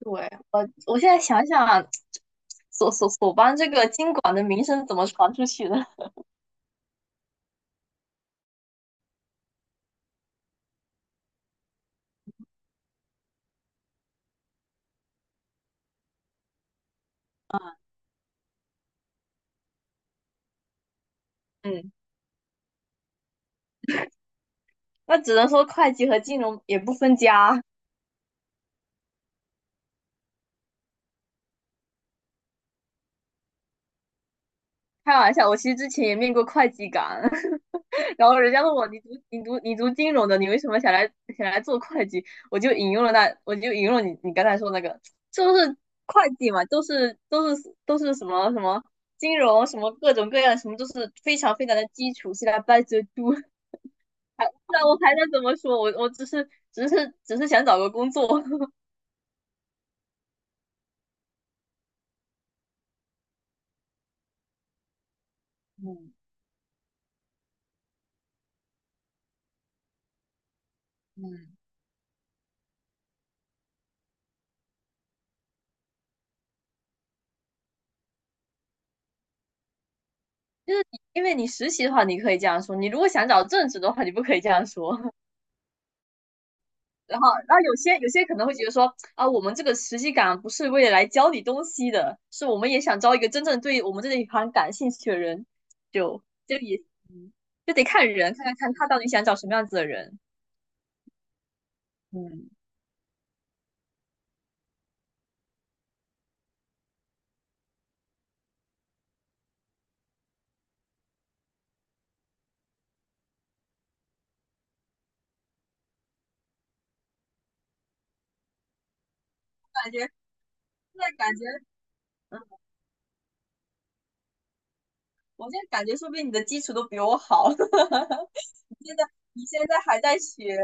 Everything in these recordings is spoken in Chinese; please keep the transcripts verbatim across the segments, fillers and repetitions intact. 对，我我现在想想，所所所邦这个经管的名声怎么传出去的？嗯，那只能说会计和金融也不分家。开玩笑，我其实之前也面过会计岗，然后人家问我你读你读你读金融的，你为什么想来想来做会计？我就引用了那我就引用了你你刚才说那个，就是会计嘛，都是都是都是什么什么金融什么各种各样什么，都是非常非常的基础，是来 by the do。还那我还能怎么说？我我只是只是只是想找个工作，嗯嗯，就是你因为你实习的话，你可以这样说；你如果想找正职的话，你不可以这样说。然后，然后有些有些可能会觉得说啊，我们这个实习岗不是为了来教你东西的，是我们也想招一个真正对我们这一行感兴趣的人，就就也嗯，就得看人，看看看他到底想找什么样子的人。嗯，感觉现在感觉，我现在感觉，说不定你的基础都比我好。你现在还在学，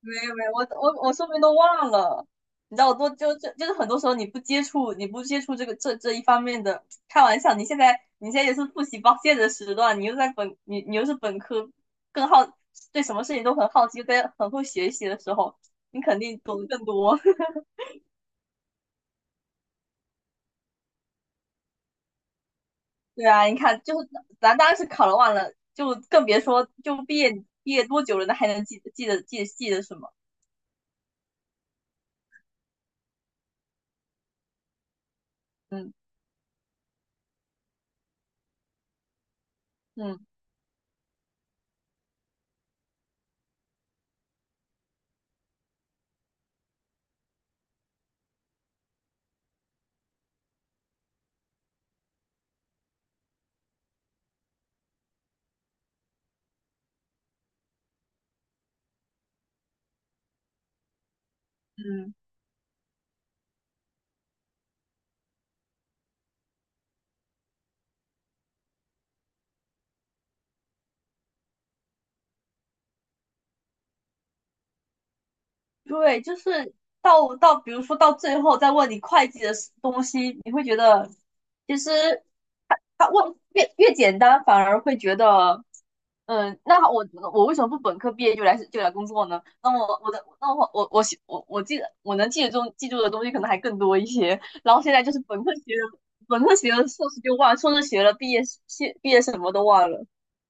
没有没有，我我我说不定都忘了。你知道我多就就就是很多时候你不接触，你不接触这个这这一方面的，开玩笑，你现在你现在也是复习报线的时段，你又在本你你又是本科，更好，对什么事情都很好奇，又在很会学习的时候，你肯定懂得更多。对啊，你看，就是咱当时考了忘了，就更别说就毕业，毕业多久了，那还能记得记得记得记得什么？嗯嗯嗯。对，就是到到，比如说到最后再问你会计的 s- 东西，你会觉得其实他问越越简单，反而会觉得，嗯，那我我为什么不本科毕业就来就来工作呢？那我我的那我我我我我记得我能记得中记住的东西可能还更多一些。然后现在就是本科学了，本科学了硕士就忘了，硕士学了毕业，毕毕业什么都忘了，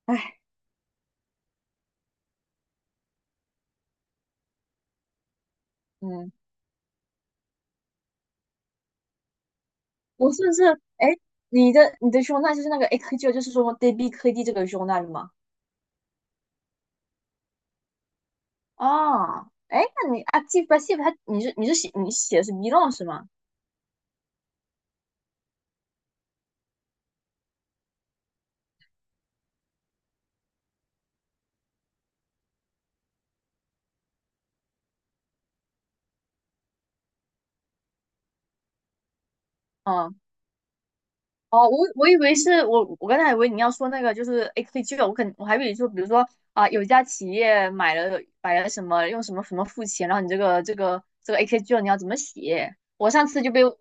唉，嗯，我甚至，哎，诶，你的你的胸大就是那个 A 科 g 就是说 D B 科 D 这个胸大的吗？哦，哎，那你啊，记吧，记吧，它你是你是写你写的是 belong 是吗？嗯，哦，我我以为是我我刚才以为你要说那个就是 A K G,我肯我还以为说比如说啊，有一家企业买了买了什么，用什么什么付钱，然后你这个这个这个 A K G 你要怎么写？我上次就被，哦，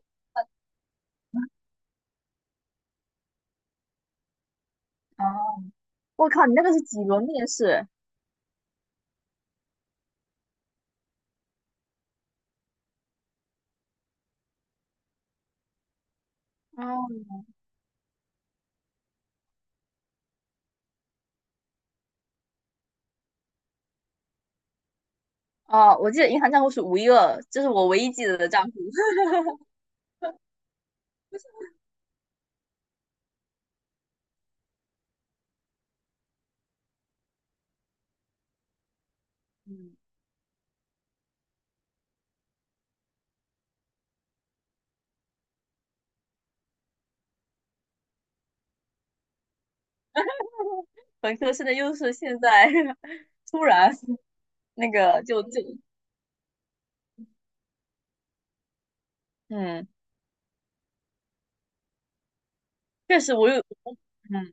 我靠，你那个是几轮面试？哦，哦，我记得银行账户是五一二，这是我唯一记得的账户。嗯，本科生的优势现在 突然那个就就嗯。确实我有，嗯，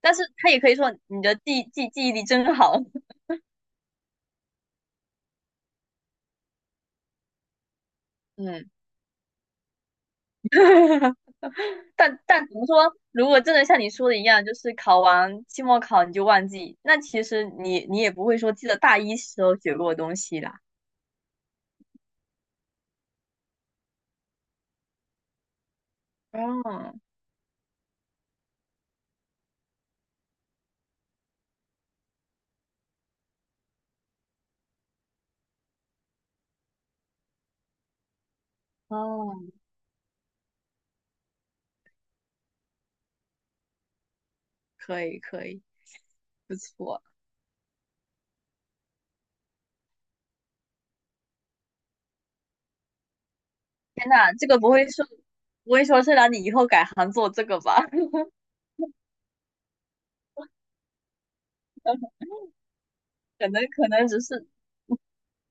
但是他也可以说你的记记记忆力真好，嗯，但但怎么说？如果真的像你说的一样，就是考完期末考你就忘记，那其实你你也不会说记得大一时候学过的东西啦。哦哦，可以可以，不错。天呐，这个不会说不会说是让你以后改行做这个吧？可能可能只是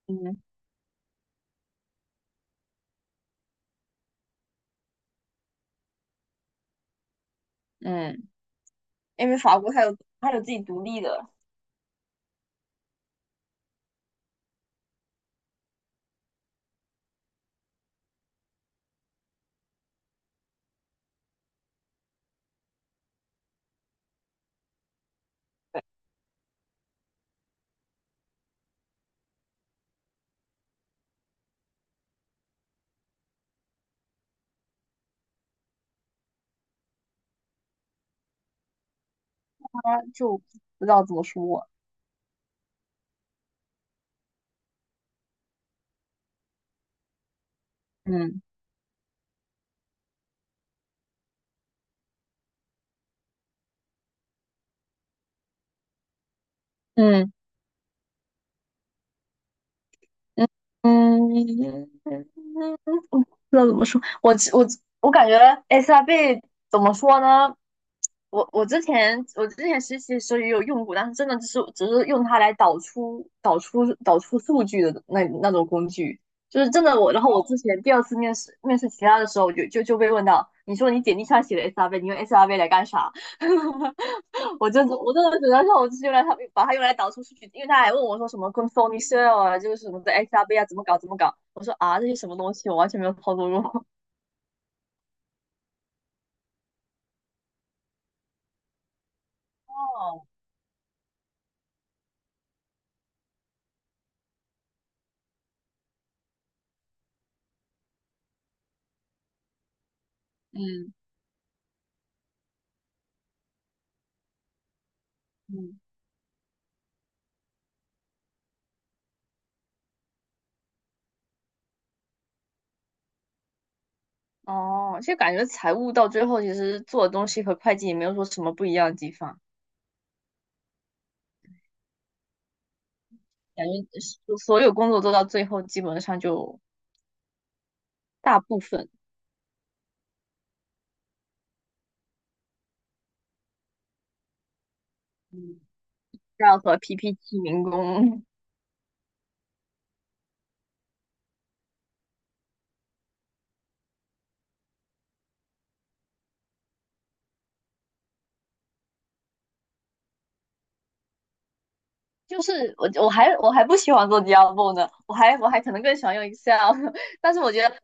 嗯嗯，因为法国它有，它有自己独立的，它就不知道怎么说。嗯嗯嗯嗯，嗯，不知道怎么说。我其我我感觉 S R B 怎么说呢？我我之前我之前实习的时候也有用过，但是真的只是只是用它来导出导出导出数据的那那种工具，就是真的我。然后我之前第二次面试面试其他的时候就，就就被问到，你说你简历上写的 S R B,你用 S R B 来干啥？我就我真的只能说，我就是用来，它把它用来导出数据，因为他还问我说什么 c o n s r o l i s e l 啊，就是什么的 X R B 啊，怎么搞怎么搞。我说啊，这些什么东西，我完全没有操作过。哦，嗯嗯，哦，其实感觉财务到最后其实做的东西和会计也没有说什么不一样的地方，感觉所所有工作做到最后基本上就大部分，嗯，要和 P P T 民工，就是我我还我还不喜欢做 Diablo 呢，我还我还可能更喜欢用 Excel,但是我觉得。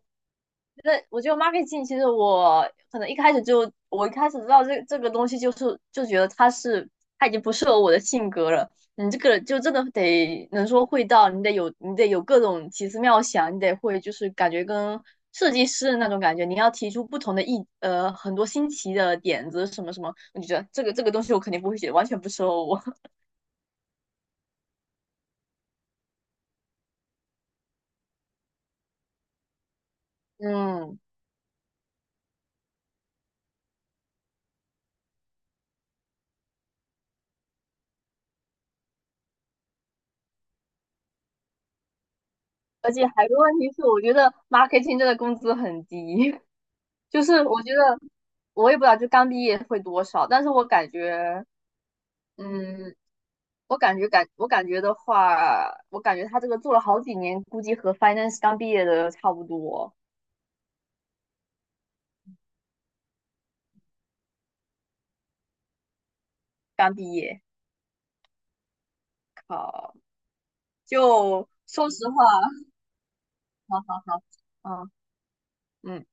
那我觉得 marketing 其实我可能一开始就，我一开始知道这这个东西就是，就觉得它是，它已经不适合我的性格了。你这个就真的得能说会道，你得有你得有各种奇思妙想，你得会，就是感觉跟设计师的那种感觉，你要提出不同的意呃很多新奇的点子什么什么，我就觉得这个这个东西我肯定不会写，完全不适合我。嗯，而且还有个问题是，我觉得 marketing 这个工资很低，就是我觉得我也不知道，就刚毕业会多少，但是我感觉，嗯，我感觉感我感觉的话，我感觉他这个做了好几年，估计和 finance 刚毕业的差不多。刚毕业，靠，就说实话，好好好，嗯嗯。